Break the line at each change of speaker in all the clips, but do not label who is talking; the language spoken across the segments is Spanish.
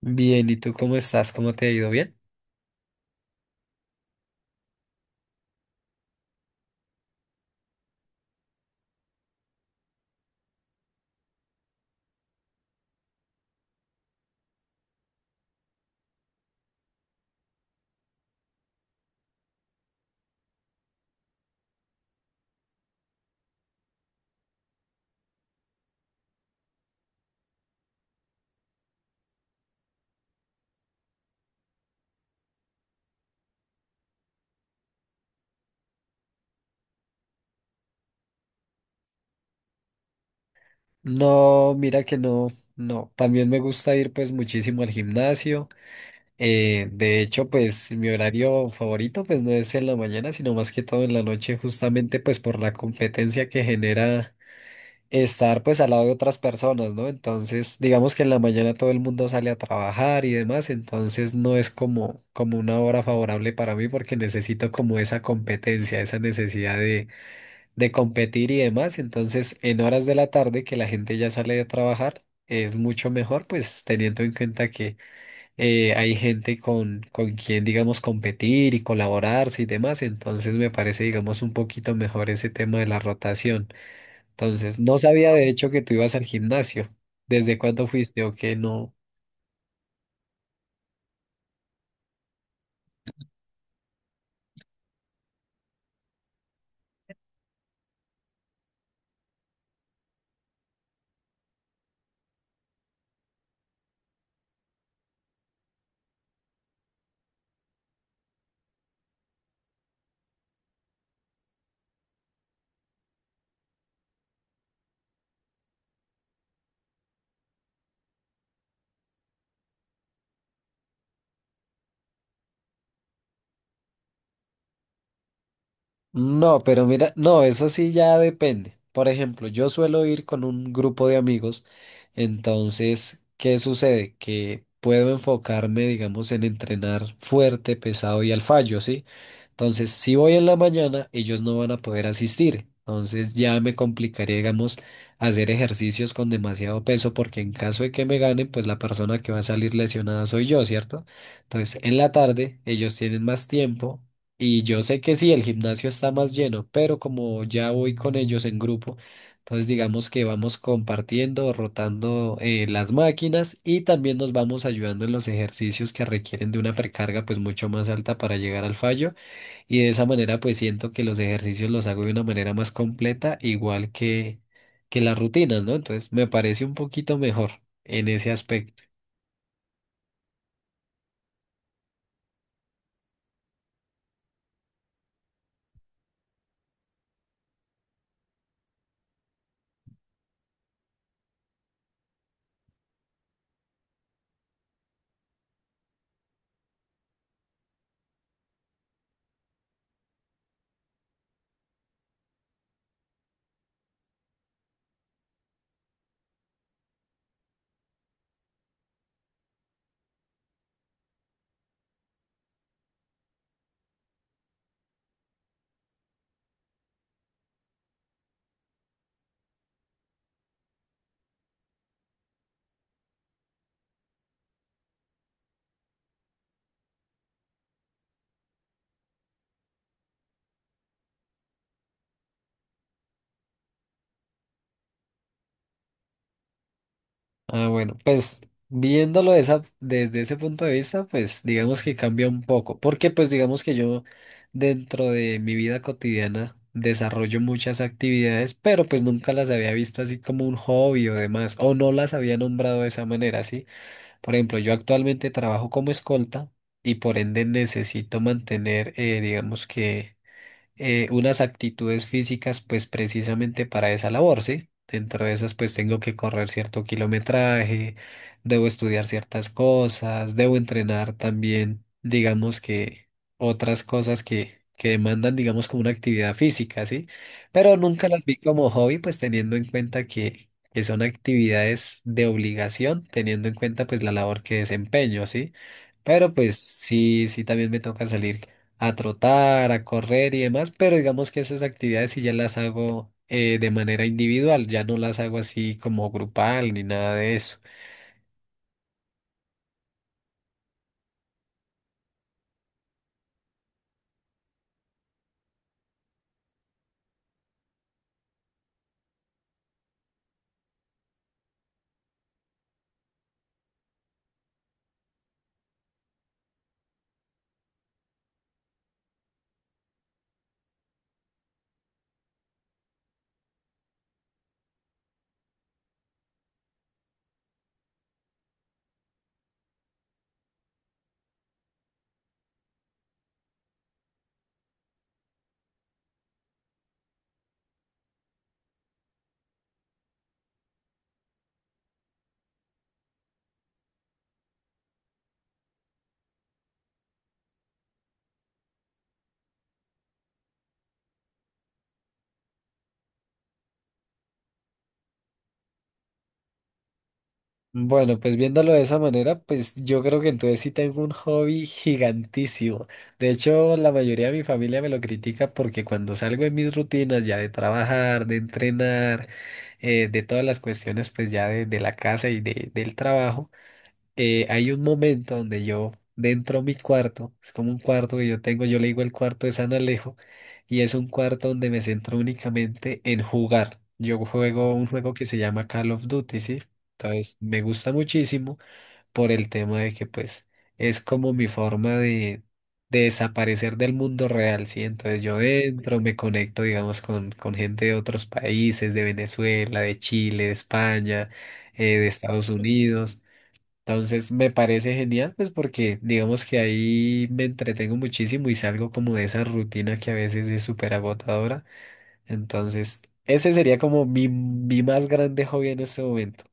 Bien, ¿y tú cómo estás? ¿Cómo te ha ido? ¿Bien? No, mira que no, no. También me gusta ir pues muchísimo al gimnasio. De hecho, pues mi horario favorito pues no es en la mañana, sino más que todo en la noche, justamente pues por la competencia que genera estar pues al lado de otras personas, ¿no? Entonces, digamos que en la mañana todo el mundo sale a trabajar y demás, entonces no es como una hora favorable para mí porque necesito como esa competencia, esa necesidad de competir y demás. Entonces, en horas de la tarde que la gente ya sale de trabajar, es mucho mejor, pues teniendo en cuenta que hay gente con quien, digamos, competir y colaborarse y demás. Entonces, me parece, digamos, un poquito mejor ese tema de la rotación. Entonces, no sabía de hecho que tú ibas al gimnasio. ¿Desde cuándo fuiste o qué no? No, pero mira, no, eso sí ya depende. Por ejemplo, yo suelo ir con un grupo de amigos, entonces, ¿qué sucede? Que puedo enfocarme, digamos, en entrenar fuerte, pesado y al fallo, ¿sí? Entonces, si voy en la mañana, ellos no van a poder asistir. Entonces, ya me complicaría, digamos, hacer ejercicios con demasiado peso, porque en caso de que me ganen, pues la persona que va a salir lesionada soy yo, ¿cierto? Entonces, en la tarde, ellos tienen más tiempo. Y yo sé que sí, el gimnasio está más lleno, pero como ya voy con ellos en grupo, entonces digamos que vamos compartiendo, rotando, las máquinas y también nos vamos ayudando en los ejercicios que requieren de una precarga pues mucho más alta para llegar al fallo y de esa manera pues siento que los ejercicios los hago de una manera más completa, igual que las rutinas, ¿no? Entonces me parece un poquito mejor en ese aspecto. Ah, bueno, pues desde ese punto de vista, pues digamos que cambia un poco, porque pues digamos que yo dentro de mi vida cotidiana desarrollo muchas actividades, pero pues nunca las había visto así como un hobby o demás, o no las había nombrado de esa manera, ¿sí? Por ejemplo, yo actualmente trabajo como escolta y por ende necesito mantener, digamos que unas actitudes físicas pues precisamente para esa labor, ¿sí? Dentro de esas pues tengo que correr cierto kilometraje, debo estudiar ciertas cosas, debo entrenar también, digamos que otras cosas que demandan digamos como una actividad física, ¿sí? Pero nunca las vi como hobby pues teniendo en cuenta que son actividades de obligación, teniendo en cuenta pues la labor que desempeño, ¿sí? Pero pues sí, sí también me toca salir a trotar, a correr y demás, pero digamos que esas actividades sí ya las hago de manera individual, ya no las hago así como grupal ni nada de eso. Bueno, pues viéndolo de esa manera, pues yo creo que entonces sí tengo un hobby gigantísimo. De hecho, la mayoría de mi familia me lo critica porque cuando salgo de mis rutinas ya de trabajar, de entrenar, de todas las cuestiones pues ya de la casa y del trabajo, hay un momento donde yo dentro de mi cuarto, es como un cuarto que yo tengo, yo le digo el cuarto de San Alejo, y es un cuarto donde me centro únicamente en jugar. Yo juego un juego que se llama Call of Duty, ¿sí? Entonces me gusta muchísimo por el tema de que pues es como mi forma de desaparecer del mundo real, ¿sí? Entonces yo dentro me conecto, digamos, con gente de otros países, de Venezuela, de Chile, de España, de Estados Unidos. Entonces me parece genial, pues porque digamos que ahí me entretengo muchísimo y salgo como de esa rutina que a veces es súper agotadora. Entonces, ese sería como mi más grande hobby en este momento.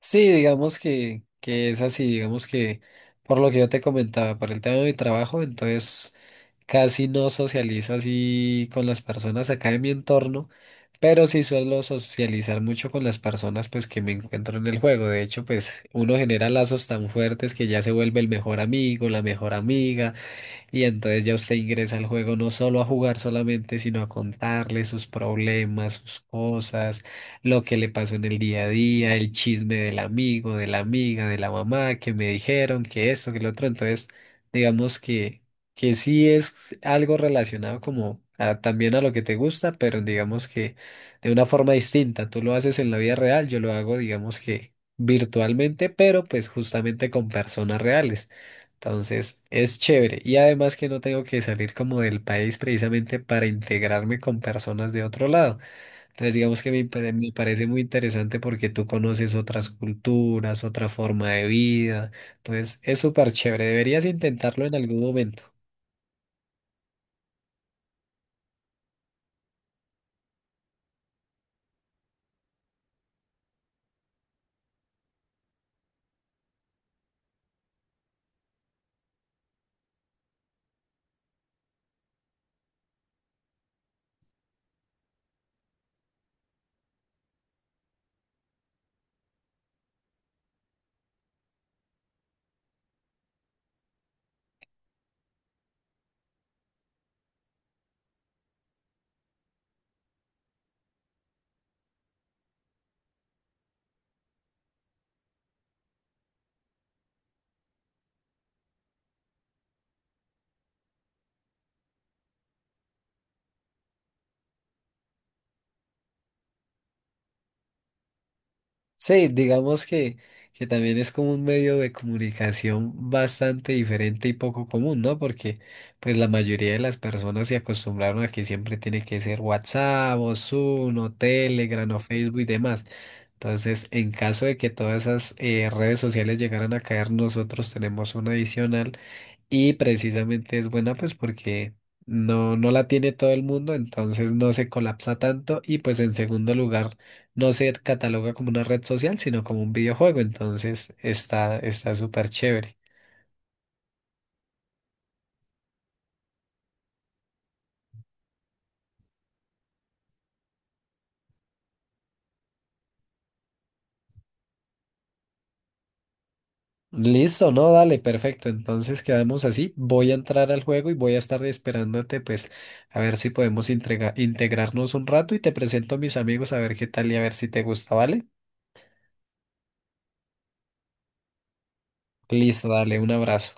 Sí, digamos que es así, digamos que por lo que yo te comentaba, por el tema de mi trabajo, entonces casi no socializo así con las personas acá de mi entorno, pero sí suelo socializar mucho con las personas pues que me encuentro en el juego. De hecho, pues uno genera lazos tan fuertes que ya se vuelve el mejor amigo, la mejor amiga. Y entonces ya usted ingresa al juego no solo a jugar solamente, sino a contarle sus problemas, sus cosas, lo que le pasó en el día a día, el chisme del amigo, de la amiga, de la mamá, que me dijeron, que esto, que lo otro. Entonces, digamos que sí es algo relacionado como también a lo que te gusta, pero digamos que de una forma distinta. Tú lo haces en la vida real, yo lo hago, digamos que virtualmente, pero pues justamente con personas reales. Entonces, es chévere. Y además que no tengo que salir como del país precisamente para integrarme con personas de otro lado. Entonces, digamos que me parece muy interesante porque tú conoces otras culturas, otra forma de vida. Entonces, es súper chévere. Deberías intentarlo en algún momento. Sí, digamos que también es como un medio de comunicación bastante diferente y poco común, ¿no? Porque pues la mayoría de las personas se acostumbraron a que siempre tiene que ser WhatsApp o Zoom o Telegram o Facebook y demás. Entonces, en caso de que todas esas redes sociales llegaran a caer, nosotros tenemos una adicional y precisamente es buena pues porque no, no la tiene todo el mundo, entonces no se colapsa tanto y pues en segundo lugar no se cataloga como una red social, sino como un videojuego, entonces está súper chévere. Listo, no, dale, perfecto. Entonces quedamos así. Voy a entrar al juego y voy a estar esperándote, pues, a ver si podemos integrarnos un rato y te presento a mis amigos a ver qué tal y a ver si te gusta, ¿vale? Listo, dale, un abrazo.